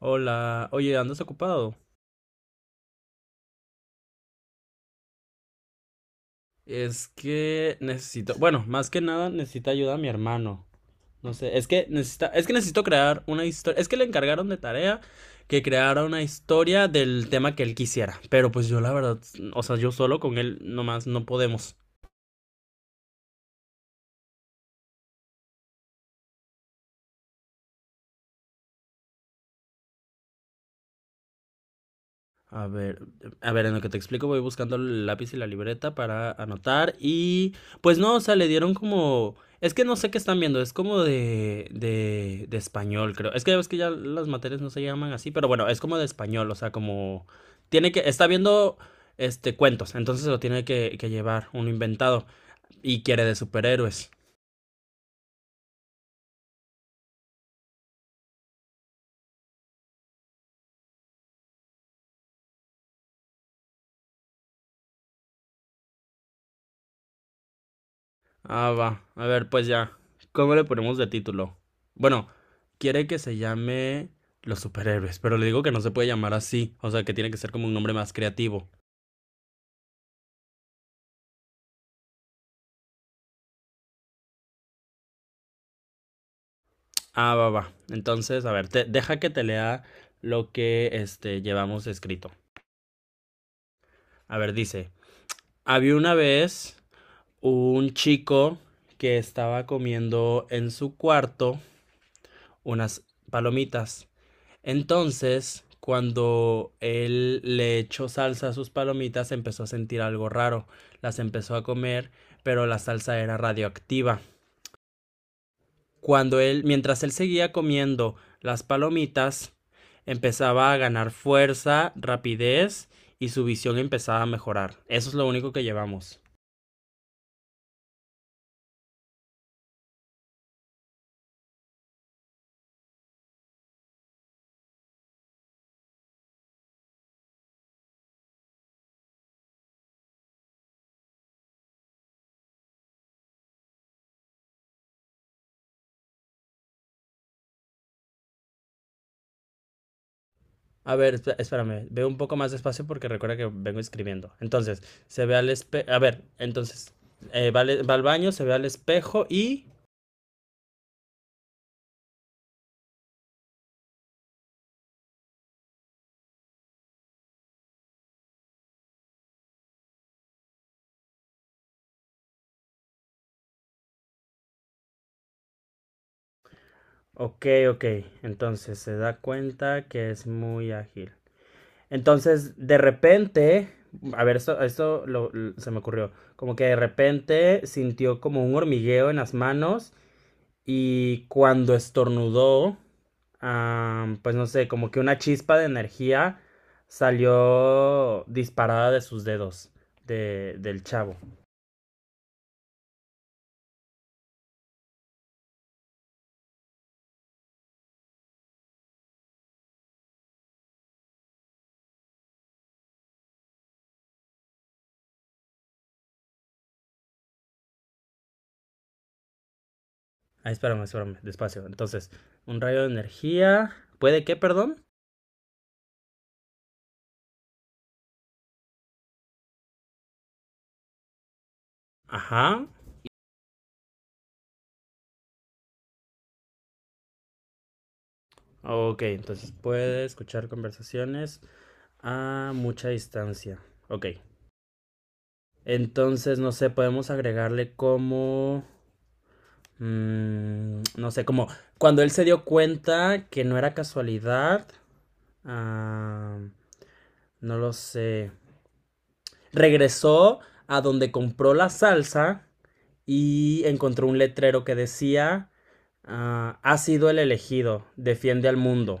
Hola, oye, ¿andas ocupado? Es que necesito, bueno, más que nada necesita ayuda a mi hermano. No sé, es que necesito crear una historia, es que le encargaron de tarea que creara una historia del tema que él quisiera, pero pues yo la verdad, o sea, yo solo con él nomás no podemos. A ver, a ver, en lo que te explico voy buscando el lápiz y la libreta para anotar y pues no, o sea, le dieron como, es que no sé qué están viendo, es como de español, creo. Es que ya ves que ya las materias no se llaman así, pero bueno, es como de español, o sea, como está viendo cuentos, entonces lo tiene que llevar uno inventado y quiere de superhéroes. Ah, va. A ver, pues ya. ¿Cómo le ponemos de título? Bueno, quiere que se llame Los Superhéroes, pero le digo que no se puede llamar así. O sea, que tiene que ser como un nombre más creativo. Ah, va, va. Entonces, a ver, deja que te lea lo que llevamos escrito. A ver, dice, había una vez un chico que estaba comiendo en su cuarto unas palomitas. Entonces, cuando él le echó salsa a sus palomitas, empezó a sentir algo raro. Las empezó a comer, pero la salsa era radioactiva. Mientras él seguía comiendo las palomitas, empezaba a ganar fuerza, rapidez y su visión empezaba a mejorar. Eso es lo único que llevamos. A ver, espérame, veo un poco más despacio porque recuerda que vengo escribiendo. Entonces, se ve al espejo. A ver, entonces, eh, va, va al baño, se ve al espejo y. Ok, ok. Entonces se da cuenta que es muy ágil. Entonces, de repente, a ver, esto se me ocurrió. Como que de repente sintió como un hormigueo en las manos y cuando estornudó, pues no sé, como que una chispa de energía salió disparada de sus dedos, del chavo. Ah, espérame, espérame, despacio. Entonces, un rayo de energía. ¿Puede qué, perdón? Ajá. Ok, entonces puede escuchar conversaciones a mucha distancia. Ok. Entonces, no sé, podemos agregarle como, no sé, como cuando él se dio cuenta que no era casualidad. Ah, no lo sé. Regresó a donde compró la salsa y encontró un letrero que decía, ah, ha sido el elegido, defiende al mundo.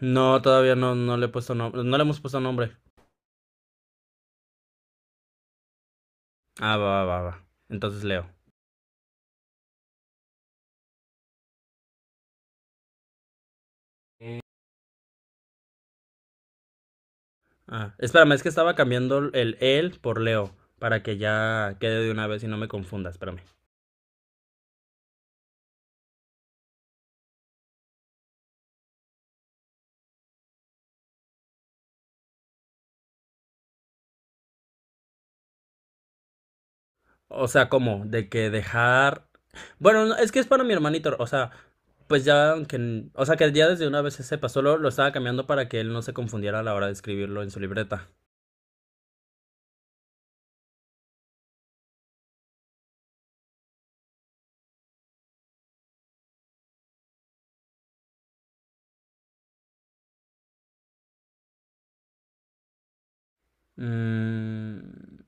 No, todavía no, no le he puesto nom- no le hemos puesto nombre. Ah, va, va, va, va. Entonces Leo. Ah, espérame, es que estaba cambiando el él por Leo para que ya quede de una vez y no me confunda, espérame. O sea, ¿cómo? De que dejar. Bueno, no, es que es para mi hermanito, o sea, pues ya aunque. O sea, que ya desde una vez se sepa, solo lo estaba cambiando para que él no se confundiera a la hora de escribirlo en su libreta. Mm,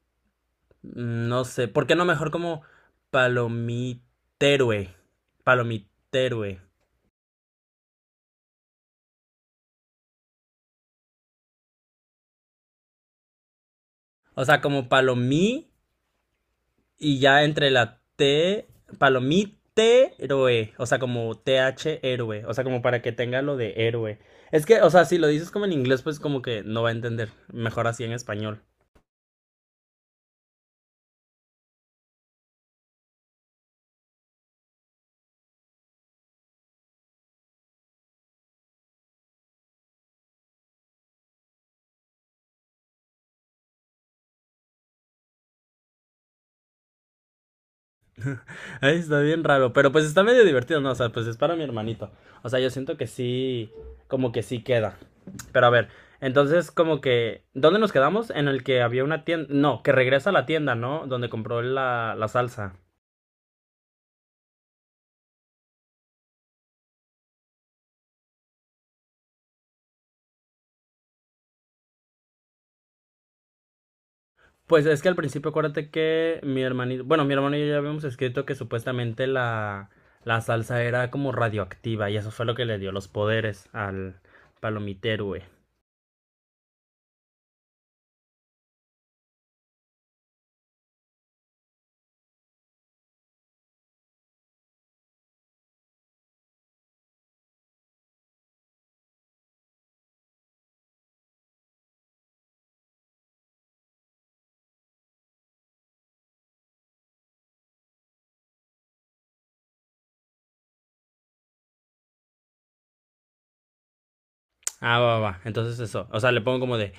no sé, ¿por qué no mejor como palomiterue? Palomiterue. O sea, como palomí. Y ya entre la T, palomite héroe, o sea, como T H héroe, o sea, como para que tenga lo de héroe. Es que, o sea, si lo dices como en inglés, pues como que no va a entender. Mejor así en español. Ay, está bien raro, pero pues está medio divertido, ¿no? O sea, pues es para mi hermanito. O sea, yo siento que sí, como que sí queda. Pero a ver, entonces como que, ¿dónde nos quedamos? En el que había una tienda, no, que regresa a la tienda, ¿no? Donde compró la salsa. Pues es que al principio acuérdate que mi hermanito, bueno, mi hermano y yo ya habíamos escrito que supuestamente la salsa era como radioactiva y eso fue lo que le dio los poderes al palomitero, güey. Ah, va, va, va. Entonces eso, o sea, le pongo como de,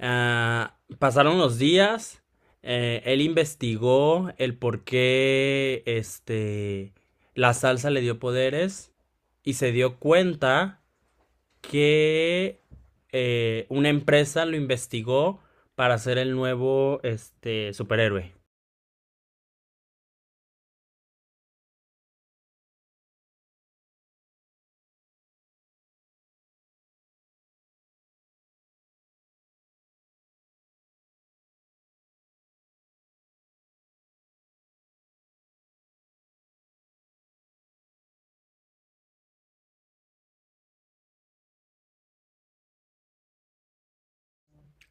pasaron los días, él investigó el por qué, la salsa le dio poderes y se dio cuenta que una empresa lo investigó para ser el nuevo superhéroe.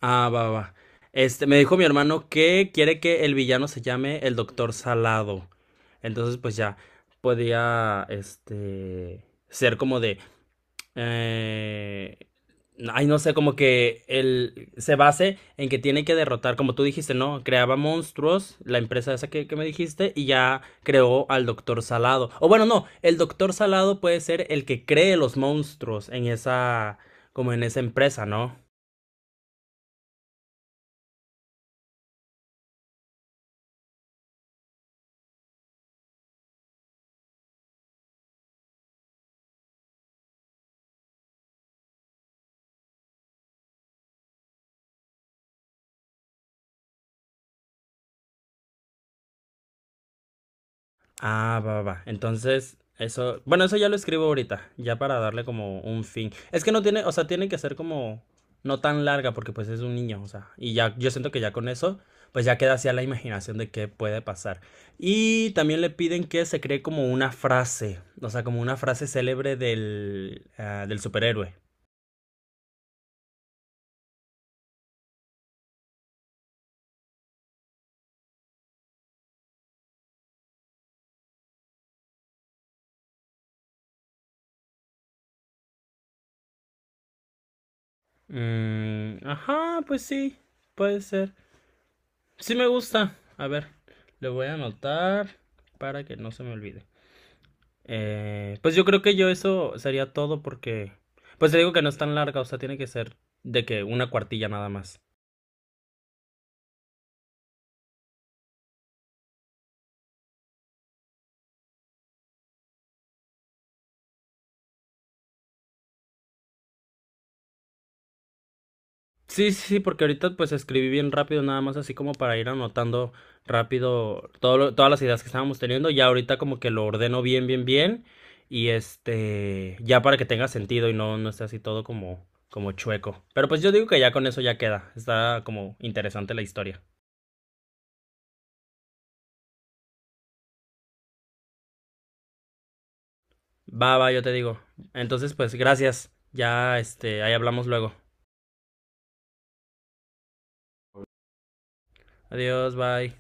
Ah, va, va. Va. Me dijo mi hermano que quiere que el villano se llame el Doctor Salado. Entonces, pues ya podía ser como de. Eh, ay, no sé, como que él se base en que tiene que derrotar, como tú dijiste, ¿no? Creaba monstruos, la empresa esa que me dijiste, y ya creó al Doctor Salado. O bueno, no, el Doctor Salado puede ser el que cree los monstruos en esa, como en esa empresa, ¿no? Ah, va, va. Va. Entonces, eso, bueno, eso ya lo escribo ahorita, ya para darle como un fin. Es que no tiene, o sea, tiene que ser como no tan larga porque pues es un niño, o sea, y ya yo siento que ya con eso pues ya queda así a la imaginación de qué puede pasar. Y también le piden que se cree como una frase, o sea, como una frase célebre del superhéroe. Mm, ajá, pues sí, puede ser. Sí me gusta. A ver, le voy a anotar para que no se me olvide. Pues yo creo que yo eso sería todo porque, pues te digo que no es tan larga, o sea, tiene que ser de que una cuartilla nada más. Sí, sí, sí, porque ahorita pues escribí bien rápido nada más así como para ir anotando rápido todas las ideas que estábamos teniendo. Ya ahorita como que lo ordeno bien, bien, bien y ya para que tenga sentido y no, no esté así todo como chueco. Pero pues yo digo que ya con eso ya queda. Está como interesante la historia. Va, va, yo te digo. Entonces pues gracias. Ya, ahí hablamos luego. Adiós, bye.